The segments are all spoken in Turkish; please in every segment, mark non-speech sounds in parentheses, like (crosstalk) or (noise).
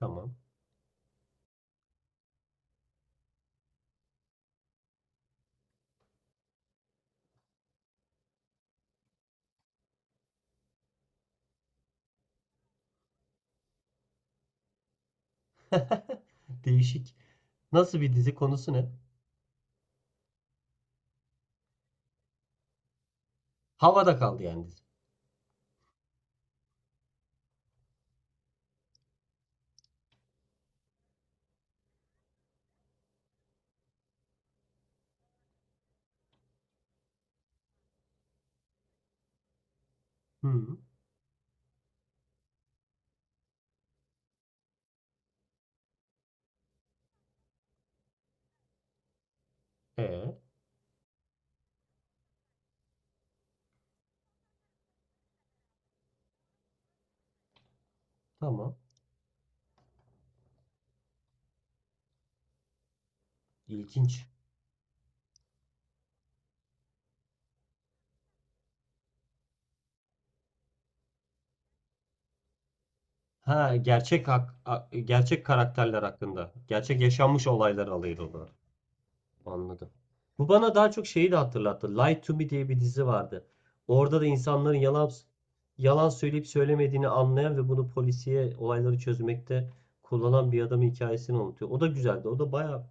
Tamam. (laughs) Değişik. Nasıl bir dizi? Konusu ne? Havada kaldı yani dizi. Hı. E, tamam. İlginç. Ha, gerçek karakterler hakkında. Gerçek yaşanmış olaylar alıyordu. Anladım. Bu bana daha çok şeyi de hatırlattı. Lie to Me diye bir dizi vardı. Orada da insanların yalan söyleyip söylemediğini anlayan ve bunu polisiye olayları çözmekte kullanan bir adamın hikayesini anlatıyor. O da güzeldi. O da bayağı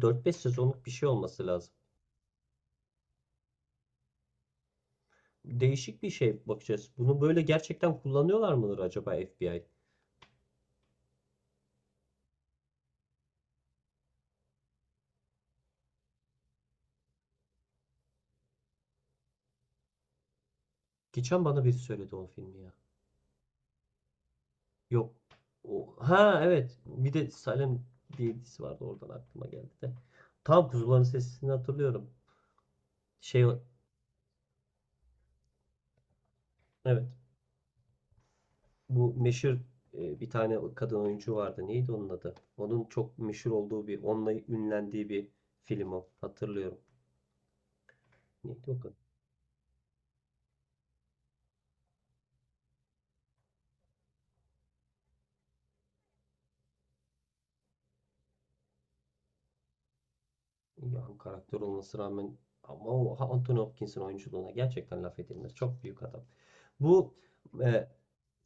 4-5 sezonluk bir şey olması lazım. Değişik bir şey bakacağız. Bunu böyle gerçekten kullanıyorlar mıdır acaba FBI? Geçen bana biri söyledi o filmi ya. Yok. O, ha evet. Bir de Salem diye bir dizisi vardı. Oradan aklıma geldi de. Tam Kuzuların Sessizliğini hatırlıyorum. Şey, evet bu meşhur, bir tane kadın oyuncu vardı. Neydi onun adı? Onun çok meşhur olduğu bir, onunla ünlendiği bir film o. Hatırlıyorum. Neydi o kadın? Yani karakter olmasına rağmen ama o Anthony Hopkins'in oyunculuğuna gerçekten laf edilmez. Çok büyük adam. Bu e,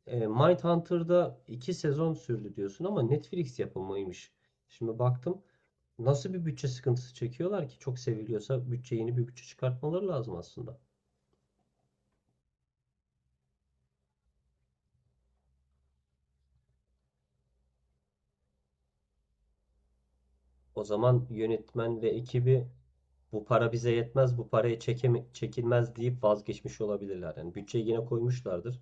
Mindhunter'da iki sezon sürdü diyorsun ama Netflix yapımıymış. Şimdi baktım, nasıl bir bütçe sıkıntısı çekiyorlar ki? Çok seviliyorsa bütçe, yeni bir bütçe çıkartmaları lazım aslında. O zaman yönetmen ve ekibi bu para bize yetmez, bu paraya çekilmez deyip vazgeçmiş olabilirler. Yani bütçeye yine koymuşlardır.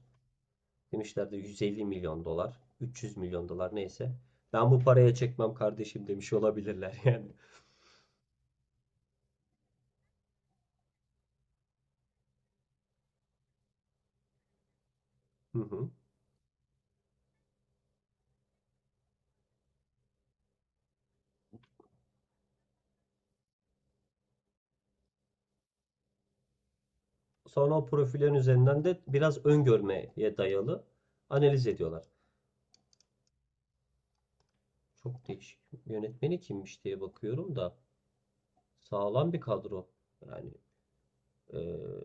Demişlerdir 150 milyon dolar, 300 milyon dolar neyse. Ben bu paraya çekmem kardeşim demiş olabilirler yani. (laughs) Hı hı. Sonra o profillerin üzerinden de biraz öngörmeye dayalı analiz ediyorlar. Çok değişik. Yönetmeni kimmiş diye bakıyorum da sağlam bir kadro. Yani eee,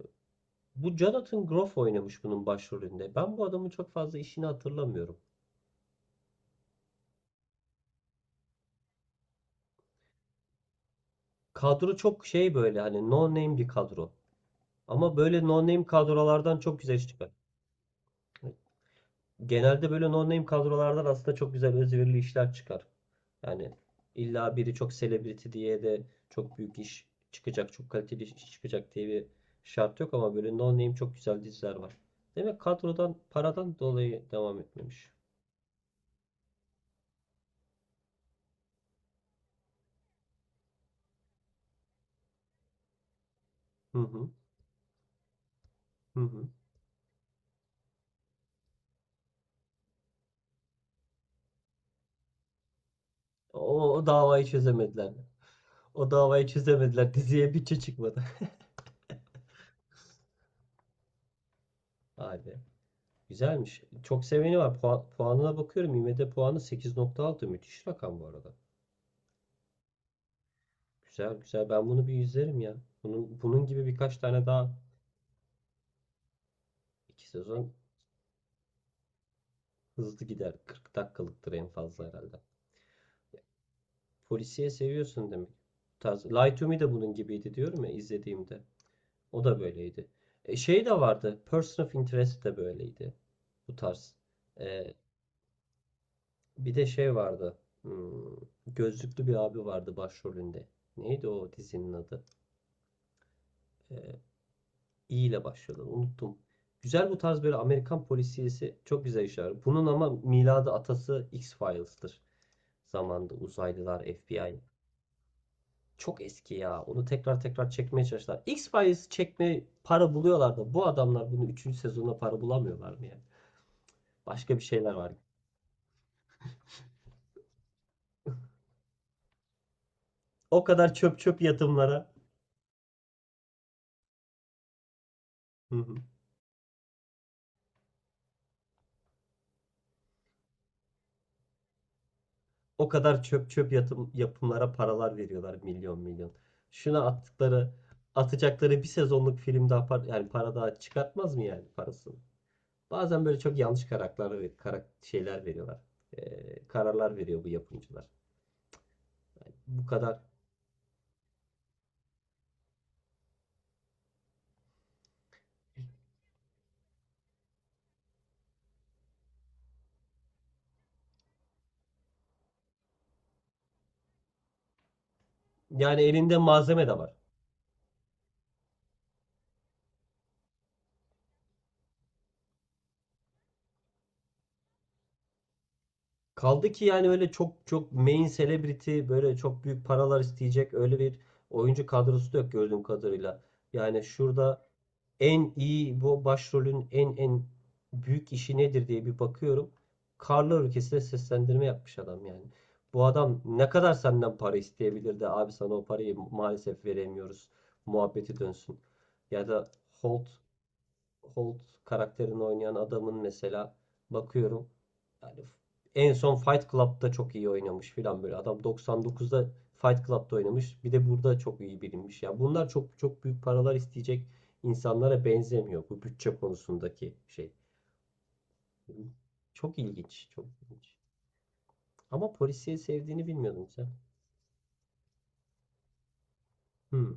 bu Jonathan Groff oynamış bunun başrolünde. Ben bu adamın çok fazla işini hatırlamıyorum. Kadro çok şey, böyle hani no name bir kadro. Ama böyle no name kadrolardan çok güzel iş çıkar. Hani genelde böyle no name kadrolardan aslında çok güzel özverili işler çıkar. Yani illa biri çok celebrity diye de çok büyük iş çıkacak, çok kaliteli iş çıkacak diye bir şart yok, ama böyle no name çok güzel diziler var. Demek kadrodan, paradan dolayı devam etmemiş. Hı hı, hı hı. O, o davayı çözemediler. O davayı çözemediler. (laughs) Diziye bütçe çıkmadı. (laughs) Vay, güzelmiş. Çok seveni var. Puan, puanına bakıyorum. IMDb puanı 8,6. Müthiş rakam bu arada. Güzel güzel. Ben bunu bir izlerim ya. Bunun, bunun gibi birkaç tane daha. İki sezon hızlı gider. 40 dakikalıktır en fazla herhalde. Polisiye seviyorsun demek. Bu tarz. Lie to Me de bunun gibiydi diyorum ya, izlediğimde. O da böyleydi. Şey de vardı. Person of Interest de böyleydi. Bu tarz. E, Bir de şey vardı. Hmm, gözlüklü bir abi vardı başrolünde. Neydi o dizinin adı? Ee, İ ile başladı, unuttum. Güzel, bu tarz böyle Amerikan polisiyesi çok güzel işler. Bunun ama miladı, atası X-Files'tır. Zamanında uzaylılar, FBI. Çok eski ya. Onu tekrar tekrar çekmeye çalıştılar. X-Files çekme para buluyorlar da bu adamlar bunu üçüncü sezonda para bulamıyorlar mı ya? Başka bir şeyler var. O kadar çöp çöp yatımlara. Hı hı. O kadar çöp çöp yatım, yapımlara paralar veriyorlar, milyon milyon. Şuna attıkları, atacakları bir sezonluk film daha yani para daha çıkartmaz mı yani, parasını? Bazen böyle çok yanlış karakterler ve şeyler veriyorlar. Kararlar veriyor bu yapımcılar. Bu kadar. Yani elinde malzeme de var. Kaldı ki yani öyle çok çok main celebrity, böyle çok büyük paralar isteyecek öyle bir oyuncu kadrosu da yok gördüğüm kadarıyla. Yani şurada en iyi, bu başrolün en büyük işi nedir diye bir bakıyorum. Karlar Ülkesi'ne seslendirme yapmış adam yani. Bu adam ne kadar senden para isteyebilirdi abi, sana o parayı maalesef veremiyoruz muhabbeti dönsün. Ya da Holt Holt karakterini oynayan adamın mesela bakıyorum, yani en son Fight Club'da çok iyi oynamış filan böyle. Adam 99'da Fight Club'da oynamış. Bir de burada çok iyi bilinmiş. Ya bunlar çok çok büyük paralar isteyecek insanlara benzemiyor bu bütçe konusundaki şey. Çok ilginç, çok ilginç. Ama polisiye sevdiğini bilmiyordum sen. Hmm,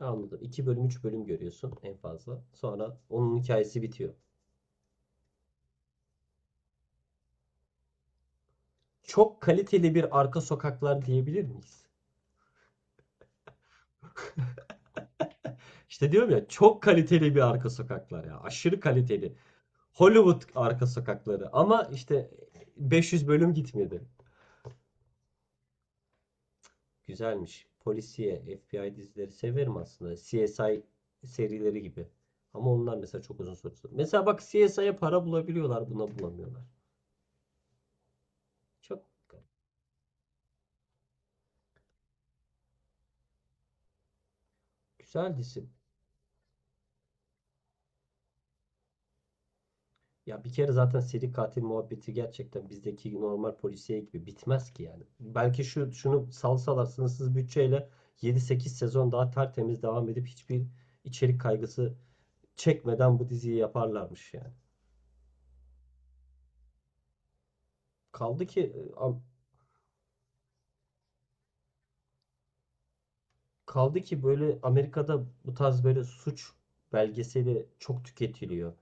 anladım. İki bölüm, 3 bölüm görüyorsun en fazla. Sonra onun hikayesi bitiyor. Çok kaliteli bir arka sokaklar diyebilir miyiz? İşte diyorum ya, çok kaliteli bir arka sokaklar ya. Aşırı kaliteli. Hollywood arka sokakları ama işte 500 bölüm gitmedi. Güzelmiş. Polisiye, FBI dizileri severim aslında. CSI serileri gibi. Ama onlar mesela çok uzun sürdü. Mesela bak, CSI'ye para bulabiliyorlar, buna bulamıyorlar. Çok güzel dizi. Ya bir kere zaten seri katil muhabbeti gerçekten bizdeki normal polisiye gibi bitmez ki yani. Belki şu, şunu salsalar sınırsız bütçeyle yedi sekiz sezon daha tertemiz devam edip hiçbir içerik kaygısı çekmeden bu diziyi yaparlarmış yani. Kaldı ki e, am- Kaldı ki böyle Amerika'da bu tarz böyle suç belgeseli çok tüketiliyor.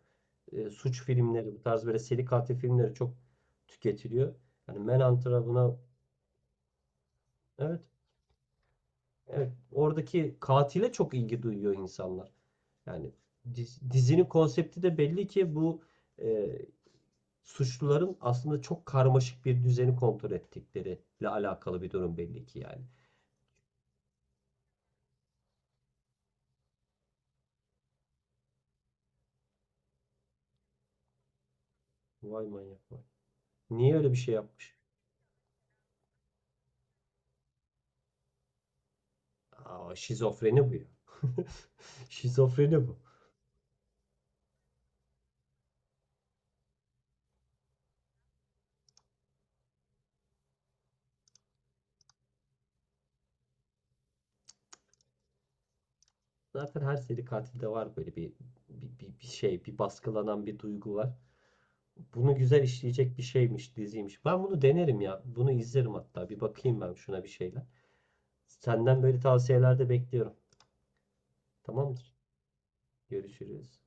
Suç filmleri, bu tarz böyle seri katil filmleri çok tüketiliyor. Yani Manhunter'a, buna, evet. Evet, oradaki katile çok ilgi duyuyor insanlar. Yani dizinin konsepti de belli ki bu, e, suçluların aslında çok karmaşık bir düzeni kontrol ettikleriyle alakalı bir durum belli ki yani. Vay manyak vay. Niye öyle bir şey yapmış? Aa, şizofreni bu ya. (laughs) Şizofreni bu. Zaten her seri katilde var böyle bir şey, bir baskılanan bir duygu var. Bunu güzel işleyecek bir şeymiş, diziymiş. Ben bunu denerim ya. Bunu izlerim hatta. Bir bakayım ben şuna bir şeyler. Senden böyle tavsiyelerde bekliyorum. Tamamdır. Görüşürüz.